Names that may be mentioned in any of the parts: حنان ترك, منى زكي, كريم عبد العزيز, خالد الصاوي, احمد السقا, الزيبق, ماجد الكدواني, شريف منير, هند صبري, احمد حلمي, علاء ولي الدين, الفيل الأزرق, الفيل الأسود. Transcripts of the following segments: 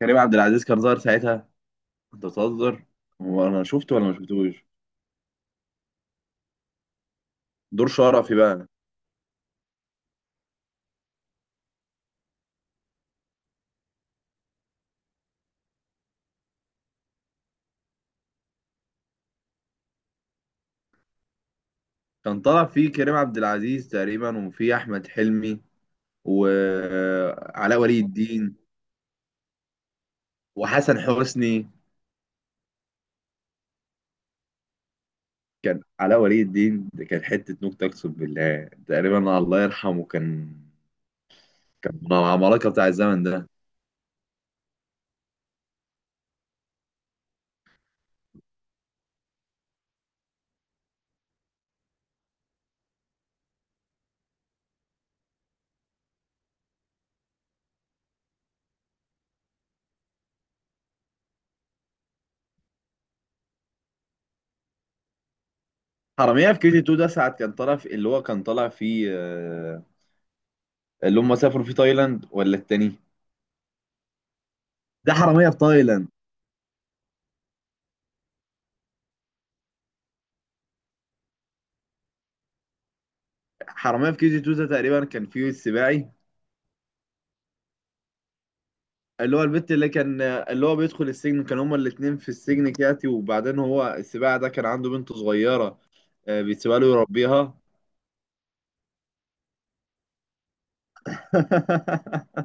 كريم عبد العزيز كان ظاهر ساعتها. انت بتهزر؟ هو انا شفته ولا ما شفتوش؟ دور شرفي بقى. كان طالع فيه كريم عبد العزيز تقريبا، وفيه احمد حلمي وعلاء ولي الدين وحسن حسني. كان علاء ولي الدين ده كان حته نكته، اقسم بالله. تقريبا الله يرحمه، كان كان من العمالقه بتاع الزمن ده. حرامية في كي جي 2 ده ساعة كان طالع في اللي هو كان طالع فيه آه، اللي هم سافروا في تايلاند ولا التاني؟ ده حرامية في تايلاند. حرامية في كي جي 2 ده تقريبا كان فيه السباعي، اللي هو بيدخل السجن. كان هما الاتنين في السجن كياتي، وبعدين هو السباعي ده كان عنده بنت صغيرة، بيسيبها له يربيها.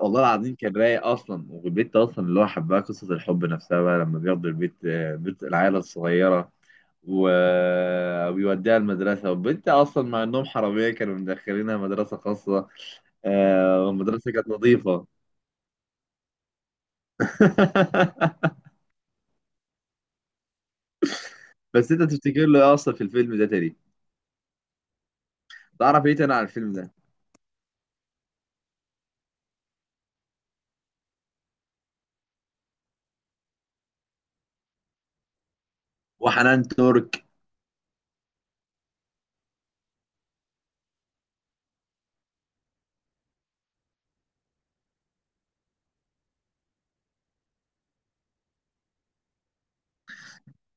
والله العظيم كان رايق اصلا، والبت اصلا اللي هو حبها، قصة الحب نفسها بقى لما بياخدوا البت، بنت العيلة الصغيرة، وبيوديها المدرسة. والبنت أصلا مع إنهم حرامية كانوا مدخلينها مدرسة خاصة، والمدرسة كانت نظيفة. بس انت تفتكر له ايه اصلا في الفيلم ده تاني؟ تعرف ايه تاني عن الفيلم ده؟ وحنان ترك.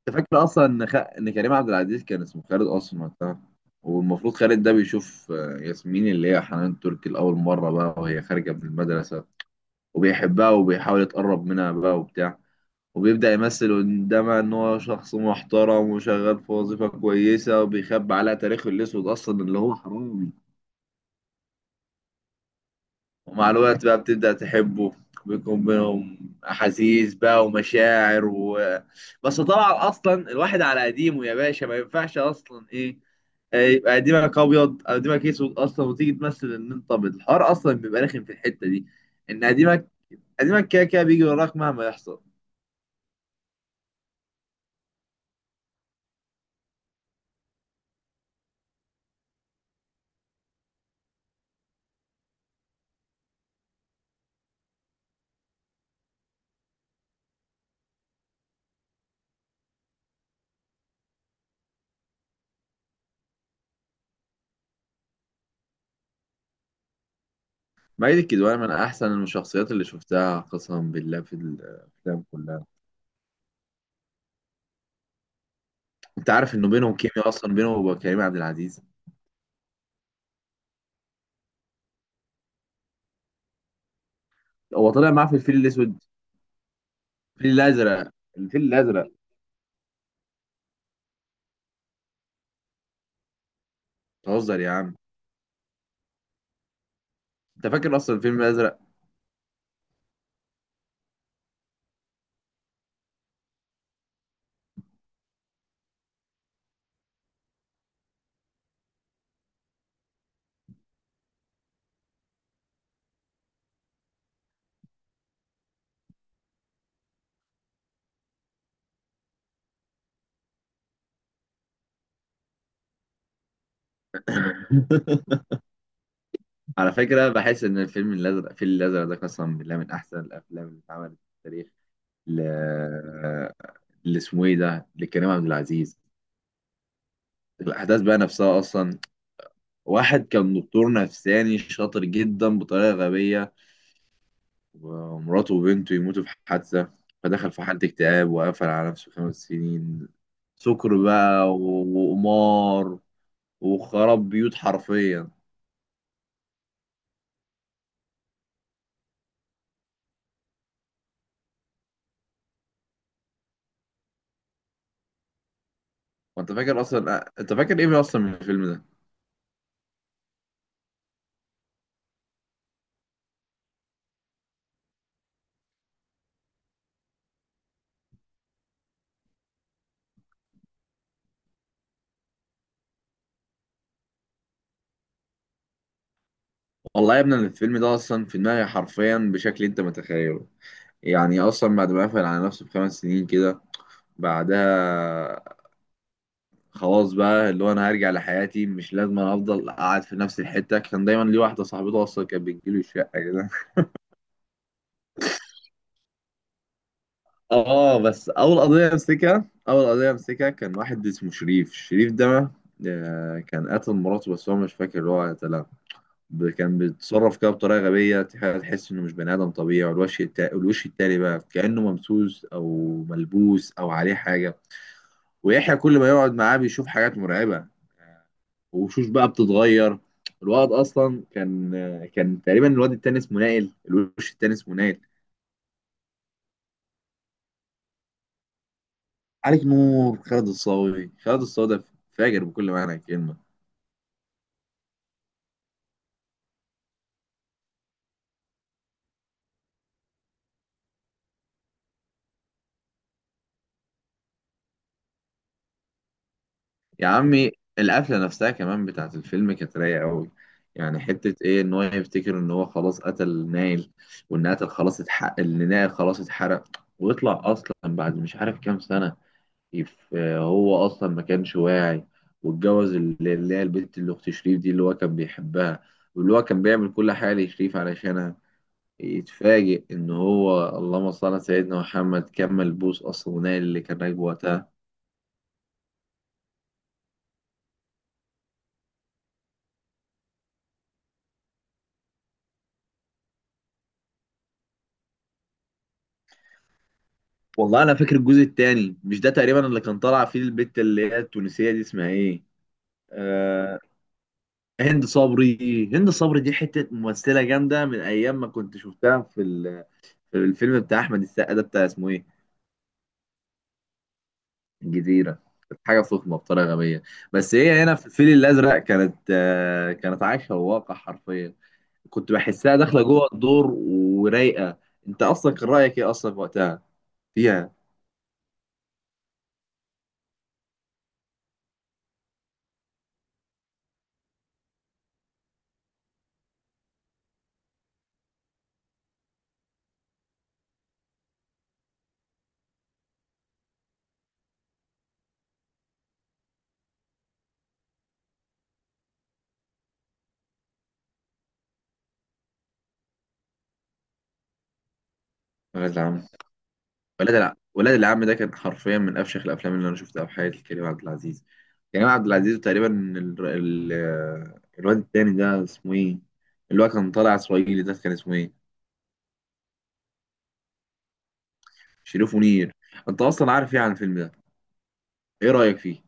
انت فاكر اصلا ان كريم عبد العزيز كان اسمه خالد اصلا وقتها؟ والمفروض خالد ده بيشوف، ياسمين اللي هي حنان ترك لاول مره بقى وهي خارجه من المدرسه، وبيحبها وبيحاول يتقرب منها بقى وبتاع. وبيبدأ يمثل قدامها إن هو شخص محترم وشغال في وظيفة كويسة، وبيخبي عليها تاريخه الأسود أصلا اللي هو حرامي. ومع الوقت بقى بتبدأ تحبه، بيكون بينهم أحاسيس بقى ومشاعر و... بس طبعا أصلا الواحد على قديمه يا باشا ما ينفعش أصلا إيه، يبقى قديمك أبيض أو قديمك أسود أصلا وتيجي تمثل إن أنت أبيض. الحوار أصلا بيبقى رخم في الحتة دي. إن قديمك كده كده بيجي وراك مهما يحصل. ماجد الكدواني من أحسن الشخصيات اللي شفتها قسما بالله في الأفلام كلها. أنت عارف إنه بينهم كيميا أصلا بينه وبين كريم عبد العزيز. هو طلع معاه في الفيل الأسود. الفيل الأزرق. الفيل الأزرق. بتهزر يا عم. انت فاكر اصلا الفيلم الازرق؟ على فكره بحس ان الفيل الازرق ده قسما بالله من احسن الافلام اللي اتعملت في التاريخ. ل اللي اسمه ايه ده لكريم عبد العزيز. الاحداث بقى نفسها اصلا، واحد كان دكتور نفساني شاطر جدا بطريقه غبيه، ومراته وبنته يموتوا في حادثه، فدخل في حاله اكتئاب وقفل على نفسه خمس سنين. سكر بقى وقمار وخرب بيوت حرفيا. وانت فاكر اصلا، انت فاكر ايه اصلا من الفيلم ده؟ والله يا ابني أنا الفيلم ده اصلا في دماغي حرفيا بشكل انت متخيله. يعني اصلا بعد ما قفل على نفسه بخمس سنين كده، بعدها خلاص بقى اللي هو انا هرجع لحياتي، مش لازم أنا افضل قاعد في نفس الحته. كان دايما ليه واحده صاحبته اصلا كانت بتجيله الشقه كده. اه بس اول قضيه امسكها كان واحد اسمه شريف. شريف ده، كان قتل مراته بس هو مش فاكر هو قتلها. كان بيتصرف كده بطريقه غبيه، تحس انه مش بني ادم طبيعي. والوش الوش التاني بقى كانه ممسوس او ملبوس او عليه حاجه. ويحيى كل ما يقعد معاه بيشوف حاجات مرعبه، وشوش بقى بتتغير. الواد اصلا كان كان تقريبا الواد التاني اسمه نائل، الوش التاني اسمه نائل. عليك نور. خالد الصاوي ده فاجر بكل معنى الكلمه. يا عمي، القفلة نفسها كمان بتاعت الفيلم كانت رايقة أوي. يعني حتة إيه، إن هو يفتكر إن هو خلاص قتل نايل، وإن قتل خلاص اتحقق إن نايل خلاص اتحرق. ويطلع أصلا بعد مش عارف كام سنة، هو أصلا ما كانش واعي، واتجوز اللي هي البنت اللي أخت شريف دي اللي هو كان بيحبها، واللي هو كان بيعمل كل حاجة لشريف علشانها. يتفاجئ إن هو اللهم صل على سيدنا محمد كمل بوس أصلا، ونايل اللي كان راكبه وقتها. والله انا فاكر الجزء الثاني مش ده تقريبا اللي كان طالع فيه البت اللي هي التونسيه دي، اسمها ايه؟ آه، هند صبري. هند صبري دي حته ممثله جامده، من ايام ما كنت شفتها في، في الفيلم بتاع احمد السقا ده بتاع اسمه ايه؟ الجزيره. كانت حاجه فخمه بطريقه غبيه. بس هي هنا في الفيل الازرق كانت آه، كانت عايشه الواقع حرفيا. كنت بحسها داخله جوه الدور ورايقه. انت اصلا كان رايك ايه اصلا وقتها؟ فيها. ولاد العم ده كان حرفيا من افشخ الافلام اللي انا شفتها في حياتي. كريم عبد العزيز. كريم عبد العزيز تقريبا، ال... ال... الواد التاني ده اسمه ايه؟ اللي هو كان طالع اسرائيلي ده كان اسمه ايه؟ شريف منير. انت اصلا عارف ايه عن الفيلم ده؟ ايه رايك فيه؟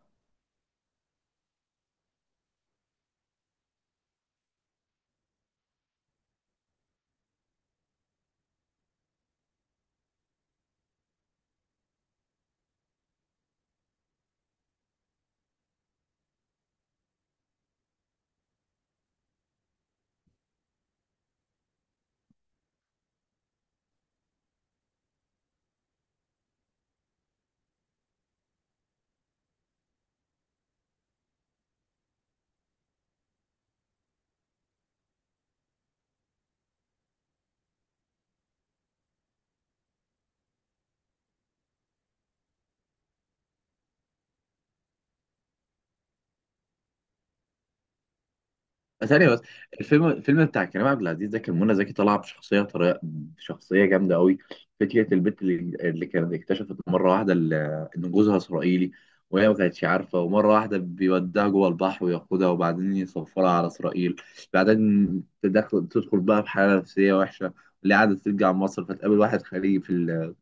ثانية بس. الفيلم بتاع كريم عبد العزيز ده كان منى زكي طالعة بشخصية طريقة بشخصية جامدة قوي. فكرة البنت اللي كانت اكتشفت مرة واحدة إن جوزها إسرائيلي وهي ما كانتش عارفة، ومرة واحدة بيوديها جوه البحر وياخدها وبعدين يسفرها على إسرائيل. بعدين تدخل بقى في حالة نفسية وحشة، اللي قاعدة ترجع مصر. فتقابل واحد خليجي في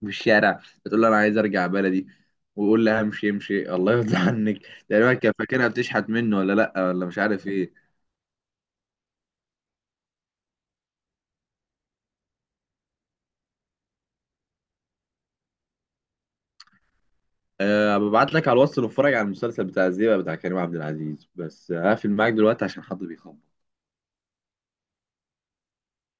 في الشارع، فتقول له أنا عايز أرجع بلدي، ويقول لها امشي امشي الله يرضى عنك. تقريبا كان فاكرها بتشحت منه ولا لأ، ولا مش عارف إيه. أه، ببعت لك على الواتس نتفرج على المسلسل بتاع الزيبق بتاع كريم عبد العزيز، بس هقفل معاك دلوقتي عشان حد بيخبط.